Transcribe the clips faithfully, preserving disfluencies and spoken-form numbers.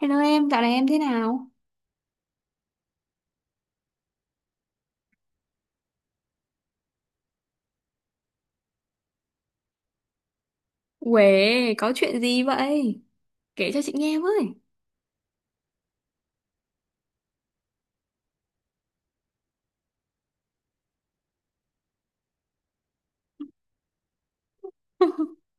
Hello em, dạo này em thế nào? Uể, có chuyện gì vậy? Kể cho chị nghe với.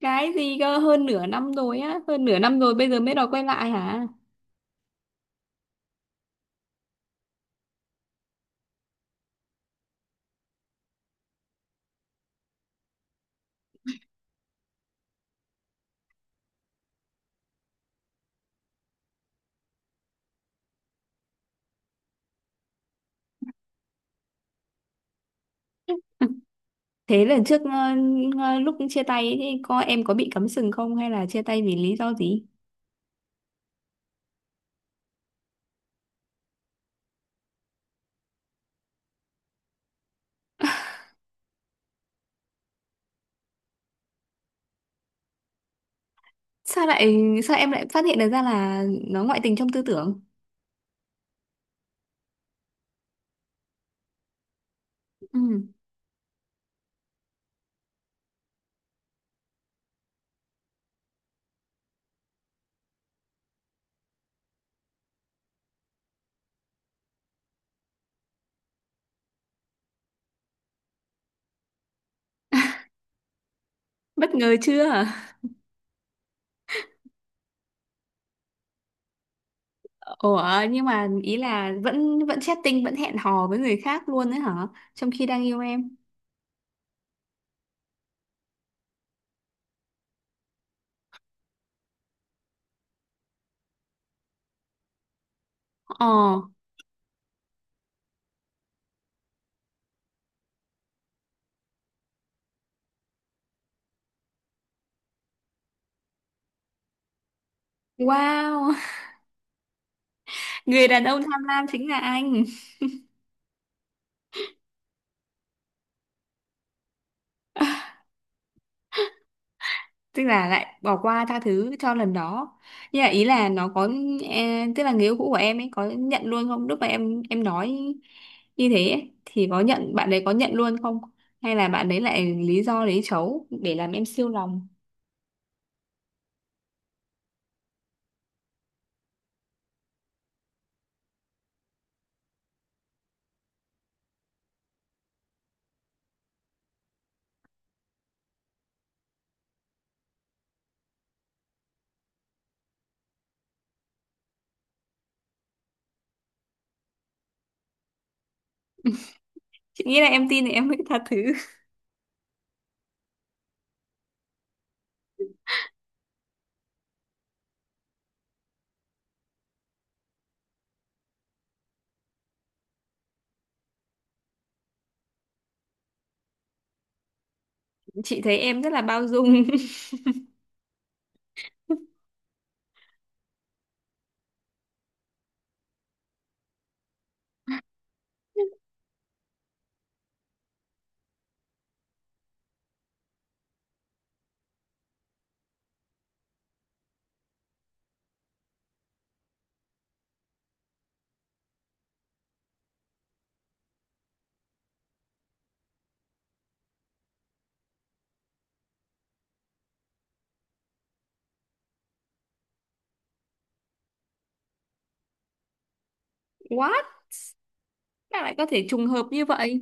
Cái gì cơ, hơn nửa năm rồi á, hơn nửa năm rồi bây giờ mới đòi quay lại hả? Thế lần trước ờ, ờ, lúc chia tay ấy, thì có em có bị cắm sừng không hay là chia tay vì lý do gì? Sao lại sao em lại phát hiện được ra là nó ngoại tình trong tư tưởng? Ừ. Bất ngờ chưa? Ủa, nhưng mà ý là vẫn vẫn chatting, vẫn hẹn hò với người khác luôn đấy hả? Trong khi đang yêu em. Ờ, wow. Người đàn ông tham lam chính là anh. Tức là lại bỏ qua tha thứ cho lần đó, nhưng mà ý là nó có, e, tức là người yêu cũ của em ấy có nhận luôn không lúc mà em em nói như thế ấy, thì có nhận, bạn đấy có nhận luôn không, hay là bạn đấy lại lý do lấy trấu để làm em siêu lòng? Chị nghĩ là em tin thì em mới tha thứ. Chị thấy em rất là bao dung. What? Sao lại có thể trùng hợp như vậy?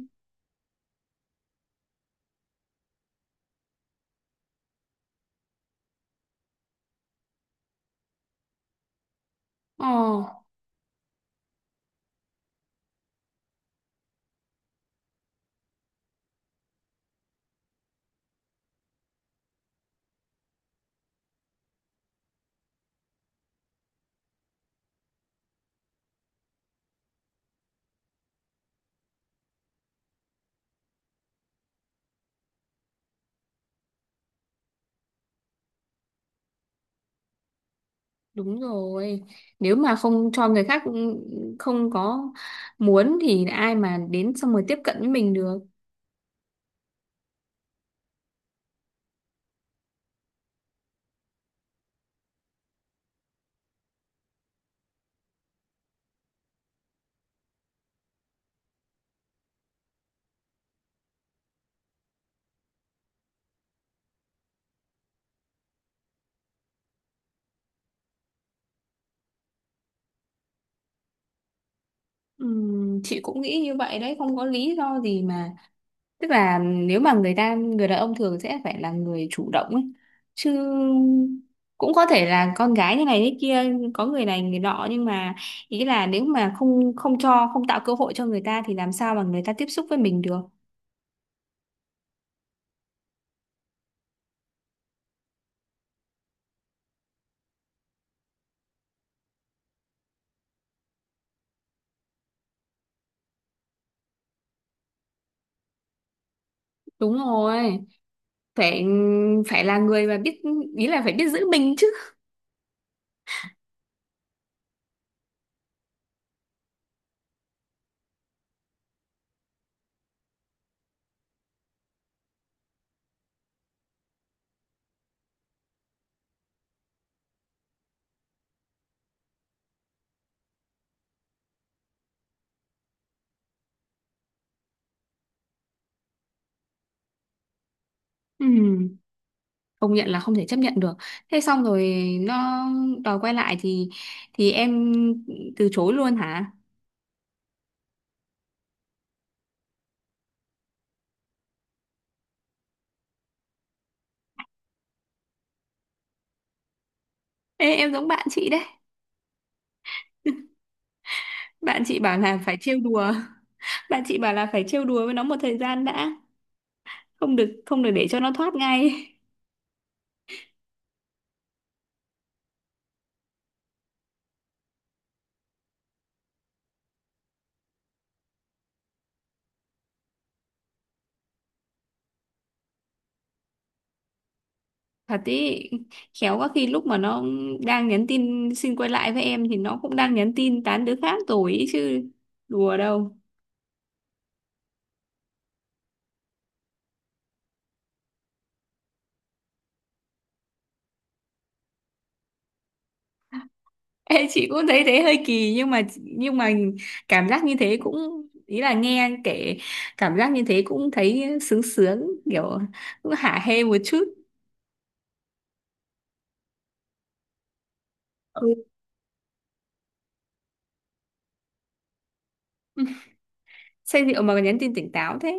Ồ. Đúng rồi. Nếu mà không cho người khác ừ, không có muốn thì ai mà đến xong rồi tiếp cận với mình được. Ừm, chị cũng nghĩ như vậy đấy, không có lý do gì mà. Tức là nếu mà người ta người đàn ông thường sẽ phải là người chủ động ấy. Chứ cũng có thể là con gái như này thế kia, có người này người nọ, nhưng mà ý là nếu mà không không cho, không tạo cơ hội cho người ta thì làm sao mà người ta tiếp xúc với mình được. Đúng rồi. Phải phải là người mà biết, ý là phải biết giữ mình chứ. Ừ, công nhận là không thể chấp nhận được. Thế xong rồi nó đòi quay lại thì thì em từ chối luôn hả? Ê, em giống bạn chị đấy. Bạn chị bảo là phải trêu đùa. Bạn chị bảo là phải trêu đùa với nó một thời gian đã, không được không được để cho nó thoát ngay. Thật ý, khéo có khi lúc mà nó đang nhắn tin xin quay lại với em thì nó cũng đang nhắn tin tán đứa khác rồi ý chứ, đùa đâu. Ê, chị cũng thấy thế hơi kỳ, nhưng mà nhưng mà cảm giác như thế cũng, ý là nghe kể, cảm giác như thế cũng thấy sướng sướng, kiểu cũng hả hê một chút. Ừ. Say rượu mà còn nhắn tin tỉnh táo thế?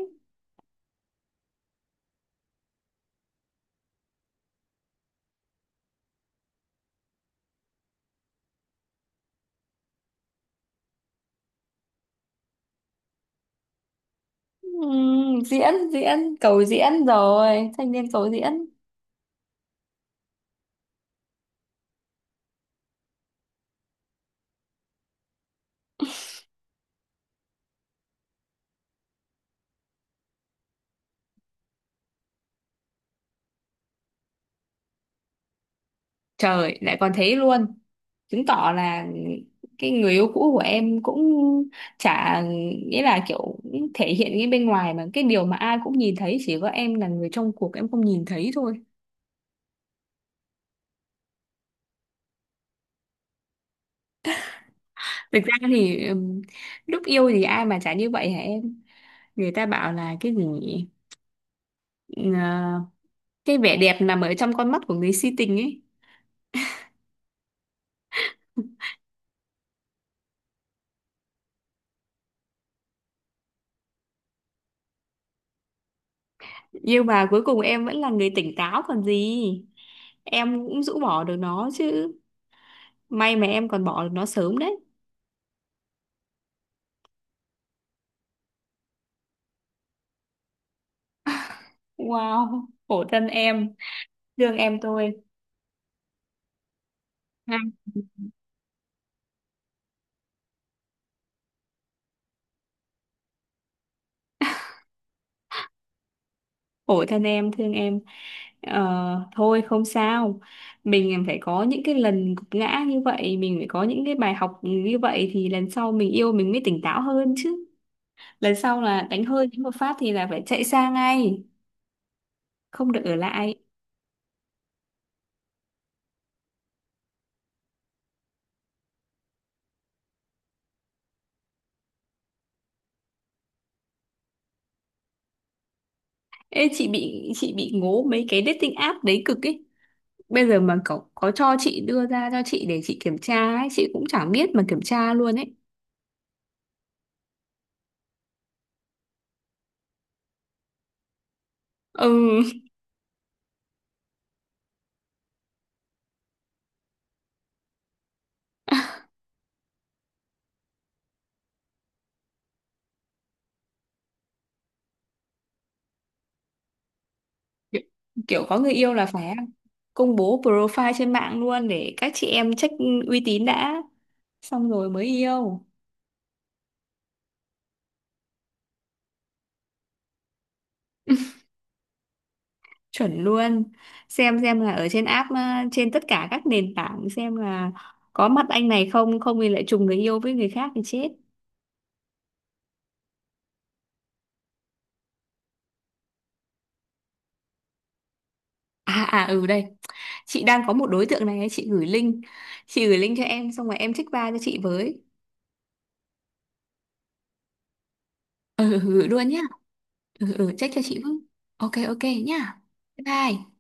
Ừm, diễn, diễn cầu diễn rồi, thanh niên cầu diễn. Trời lại còn thế luôn, chứng tỏ là cái người yêu cũ của em cũng chả, nghĩa là kiểu cũng thể hiện cái bên ngoài, mà cái điều mà ai cũng nhìn thấy chỉ có em là người trong cuộc em không nhìn thấy thôi. Thực ra thì ừm, lúc yêu thì ai mà chả như vậy hả em? Người ta bảo là cái gì nhỉ? Ờ, cái vẻ đẹp nằm ở trong con mắt của người si tình ấy. Nhưng mà cuối cùng em vẫn là người tỉnh táo còn gì. Em cũng rũ bỏ được nó chứ. May mà em còn bỏ được nó sớm đấy. Wow, khổ thân em, thương em thôi. Ha. Khổ thân em, thương em. Ờ, thôi không sao, mình phải có những cái lần gục ngã như vậy, mình phải có những cái bài học như vậy thì lần sau mình yêu mình mới tỉnh táo hơn chứ. Lần sau là đánh hơi đánh một phát thì là phải chạy xa ngay, không được ở lại. Ê, chị bị chị bị ngố mấy cái dating app đấy cực ấy, bây giờ mà cậu có cho chị đưa ra cho chị để chị kiểm tra ấy chị cũng chẳng biết mà kiểm tra luôn ấy. Ừ. kiểu kiểu có người yêu là phải công bố profile trên mạng luôn để các chị em check uy tín đã, xong rồi mới yêu. Chuẩn luôn. xem xem là ở trên app ờ, trên tất cả các nền tảng xem là có mặt anh này không, không thì lại trùng người yêu với người khác thì chết. À à, ừ đây, chị đang có một đối tượng này ấy, chị gửi link, chị gửi link cho em xong rồi em check ba cho chị với. Ừ ừ, gửi luôn nhá. Ừ ừ ừ, check cho chị với. Ok ok nhá. Bye bye.